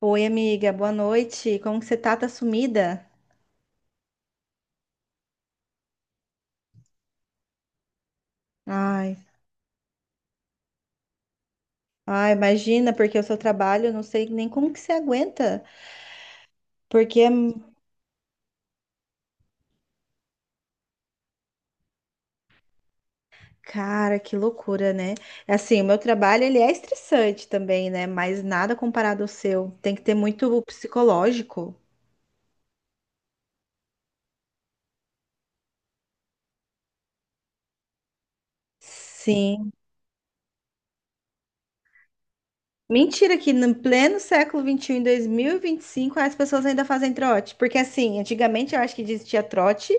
Oi, amiga, boa noite. Como que você tá? Tá sumida? Ai, ai, imagina, porque o seu trabalho, eu não sei nem como que você aguenta, porque é, cara, que loucura, né? Assim, o meu trabalho, ele é estressante também, né? Mas nada comparado ao seu. Tem que ter muito psicológico. Sim. Mentira que no pleno século XXI, em 2025, as pessoas ainda fazem trote. Porque assim, antigamente eu acho que existia trote,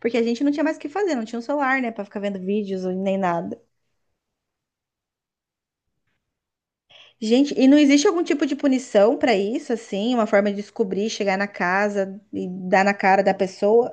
porque a gente não tinha mais o que fazer, não tinha um celular, né, pra ficar vendo vídeos nem nada. Gente, e não existe algum tipo de punição pra isso, assim? Uma forma de descobrir, chegar na casa e dar na cara da pessoa?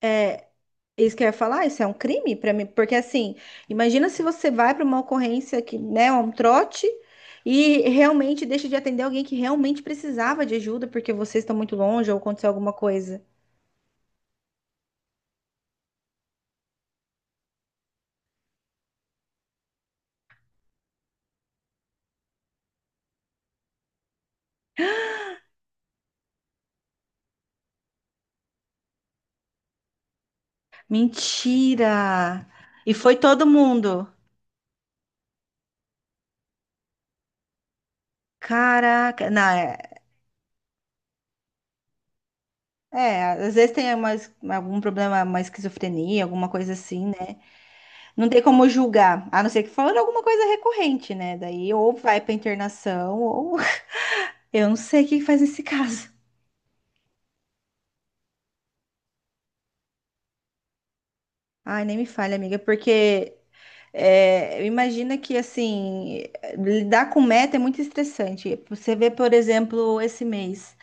É isso que eu ia falar, isso é um crime pra mim, porque assim, imagina se você vai pra uma ocorrência que, né, um trote e realmente deixa de atender alguém que realmente precisava de ajuda porque vocês estão muito longe ou aconteceu alguma coisa. Mentira! E foi todo mundo. Caraca, não, é- É, às vezes tem uma, es- algum problema, uma esquizofrenia, alguma coisa assim, né? Não tem como julgar, a não ser que falando alguma coisa recorrente, né? Daí ou vai pra internação, ou eu não sei o que faz nesse caso. Ai, nem me fale, amiga, porque é, imagina que, assim, lidar com meta é muito estressante. Você vê, por exemplo, esse mês.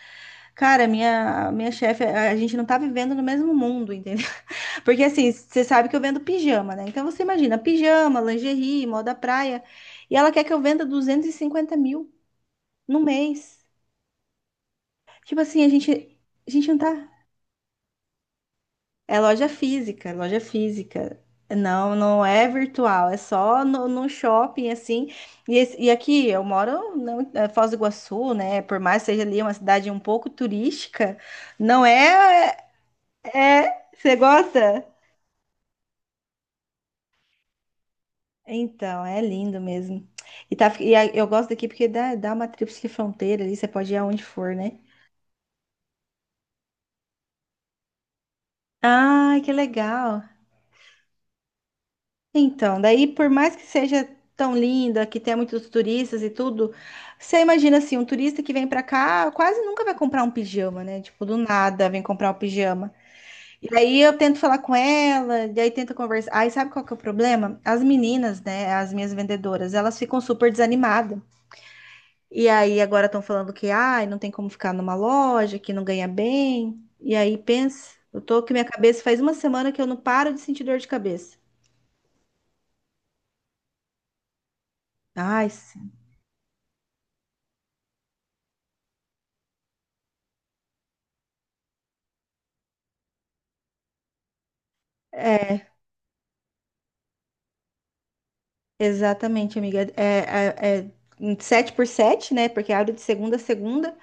Cara, minha chefe, a gente não tá vivendo no mesmo mundo, entendeu? Porque assim, você sabe que eu vendo pijama, né? Então você imagina, pijama, lingerie, moda praia. E ela quer que eu venda 250 mil no mês. Tipo assim, a gente não tá. É loja física, é loja física. Não, não é virtual, é só no, no shopping, assim. E, esse- e aqui eu moro não, é Foz do Iguaçu, né? Por mais que seja ali uma cidade um pouco turística, não é. É. Você gosta? Então, é lindo mesmo. E, tá, e a- eu gosto daqui porque dá uma tríplice fronteira ali, você pode ir aonde for, né? Ai, que legal. Então, daí por mais que seja tão linda, que tenha muitos turistas e tudo, você imagina assim, um turista que vem pra cá quase nunca vai comprar um pijama, né? Tipo, do nada vem comprar um pijama. E aí eu tento falar com ela, e aí tento conversar. Aí sabe qual que é o problema? As meninas, né, as minhas vendedoras, elas ficam super desanimadas. E aí agora estão falando que ai, não tem como ficar numa loja, que não ganha bem. E aí pensa, eu tô que minha cabeça faz uma semana que eu não paro de sentir dor de cabeça. Ai, s- exatamente, amiga. É em 7 por 7, né? Porque abre de segunda a segunda.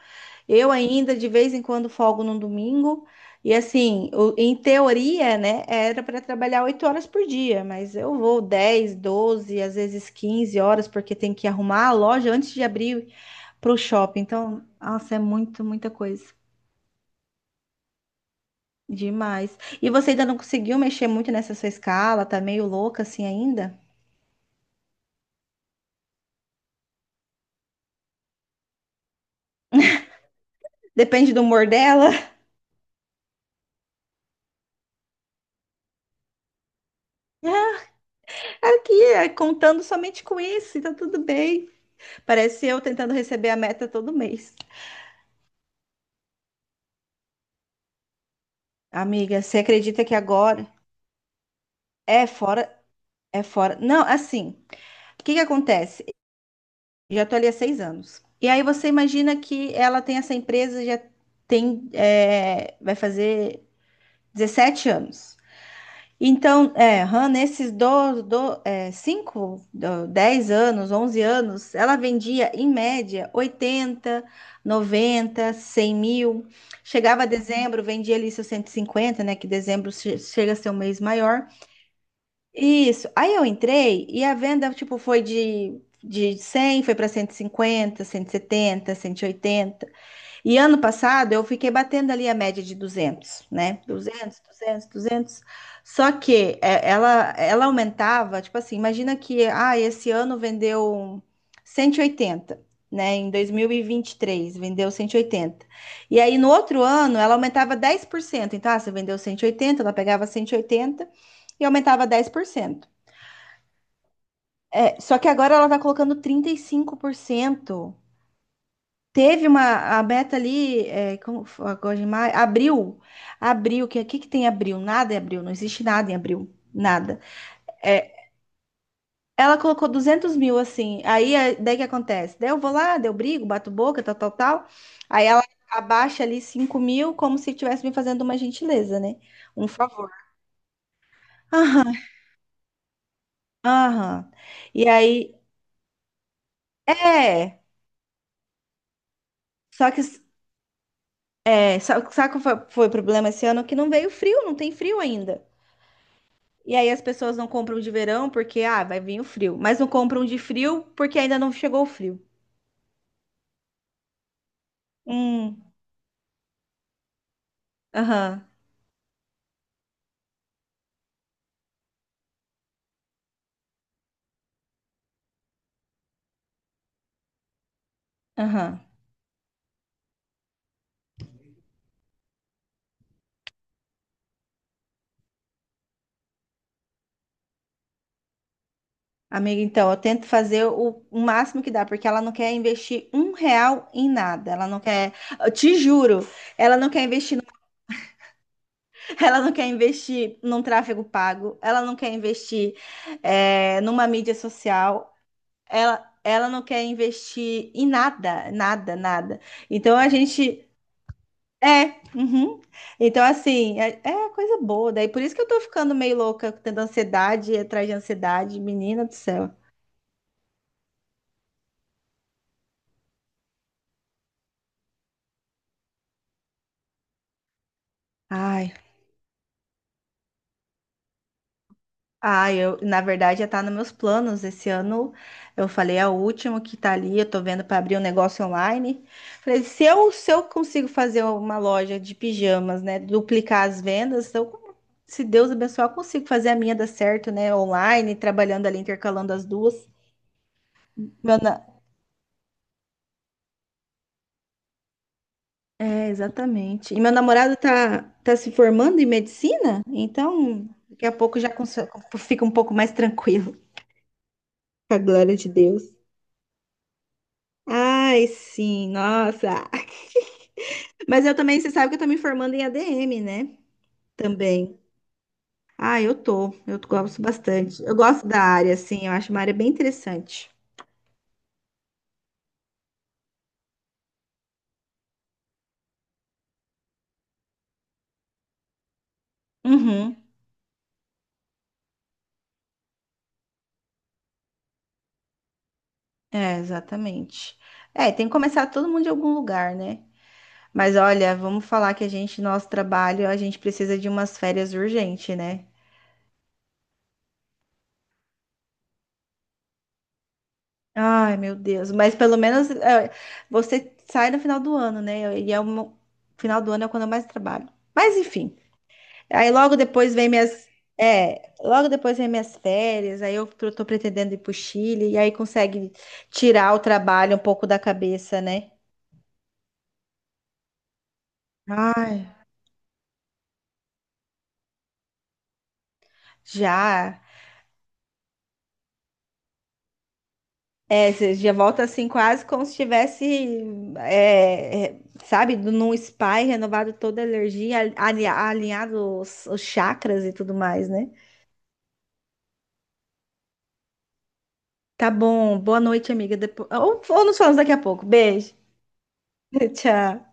Eu ainda de vez em quando folgo num domingo. E assim, o- em teoria, né, era para trabalhar 8 horas por dia, mas eu vou 10, 12, às vezes 15 horas, porque tem que arrumar a loja antes de abrir pro shopping. Então, nossa, é muito, muita coisa. Demais. E você ainda não conseguiu mexer muito nessa sua escala? Tá meio louca assim ainda? Depende do humor dela. Aqui, é, contando somente com isso, e tá tudo bem. Parece eu tentando receber a meta todo mês. Amiga, você acredita que agora é fora, é fora. Não, assim, o que que acontece? Já tô ali há 6 anos. E aí você imagina que ela tem essa empresa, já tem, é, vai fazer 17 anos. Então, é, Han, nesses do, é, 5, do- 10 anos, 11 anos, ela vendia, em média, 80, 90, 100 mil. Chegava a dezembro, vendia ali seus 150, né? Que dezembro che- chega a ser um mês maior. Isso. Aí eu entrei e a venda, tipo, foi de 100, foi para cento cento e cinquenta, 170, 180. E ano passado eu fiquei batendo ali a média de 200, né? 200, 200, 200. Só que é, ela aumentava, tipo assim, imagina que ah, esse ano vendeu 180, né? Em 2023 vendeu 180. E oitenta. E aí no outro ano ela aumentava 10%. Então, ah, você vendeu 180, ela pegava 180 e oitenta e aumentava 10%. É, só que agora ela tá colocando 35%. Teve uma, a Beta ali, é, como foi agora de maio, abril, abril, que aqui que tem abril, nada em abril, não existe nada em abril, nada. É, ela colocou 200 mil assim, aí é, daí que acontece? Daí eu vou lá, daí eu brigo, bato boca, tal, tal, tal. Aí ela abaixa ali 5 mil, como se estivesse me fazendo uma gentileza, né? Um favor. Aham, aham. E aí, é, só que, é, só, sabe qual foi, foi o problema esse ano? Que não veio frio, não tem frio ainda. E aí as pessoas não compram de verão porque, ah, vai vir o frio. Mas não compram de frio porque ainda não chegou o frio. Hum, aham, aham. Amiga, então, eu tento fazer o máximo que dá, porque ela não quer investir um real em nada. Ela não quer, eu te juro, ela não quer investir, no- ela não quer investir num tráfego pago, ela não quer investir é, numa mídia social, ela não quer investir em nada, nada, nada. Então a gente É, uhum. Então, assim, é, é coisa boa. Daí por isso que eu tô ficando meio louca, tendo ansiedade atrás de ansiedade, menina do céu. Ai, ai, eu, na verdade já tá nos meus planos. Esse ano eu falei, é o último que tá ali, eu tô vendo para abrir um negócio online. Falei, se eu consigo fazer uma loja de pijamas, né, duplicar as vendas, eu, se Deus abençoar, eu consigo fazer a minha dar certo, né, online, trabalhando ali, intercalando as duas. É, exatamente. E meu namorado tá se formando em medicina, então daqui a pouco já cons- fica um pouco mais tranquilo. Com a glória de Deus. Ai, sim, nossa. Mas eu também, você sabe que eu tô me formando em ADM, né? Também. Ah, eu tô. Eu gosto bastante. Eu gosto da área, assim, eu acho uma área bem interessante. Uhum. É, exatamente. É, tem que começar todo mundo de algum lugar, né? Mas olha, vamos falar que a gente, nosso trabalho, a gente precisa de umas férias urgente, né? Ai, meu Deus. Mas pelo menos é, você sai no final do ano, né? E é um... final do ano é quando eu mais trabalho. Mas enfim. Aí logo depois vem minhas. É, logo depois vem minhas férias. Aí eu tô pretendendo ir pro Chile. E aí consegue tirar o trabalho um pouco da cabeça, né? Ai, já. É, você já volta assim, quase como se estivesse, é, é, sabe, num spa e renovado toda a energia, ali- alinhado os chakras e tudo mais, né? Tá bom. Boa noite, amiga. Depo- ou nos falamos daqui a pouco. Beijo. Tchau.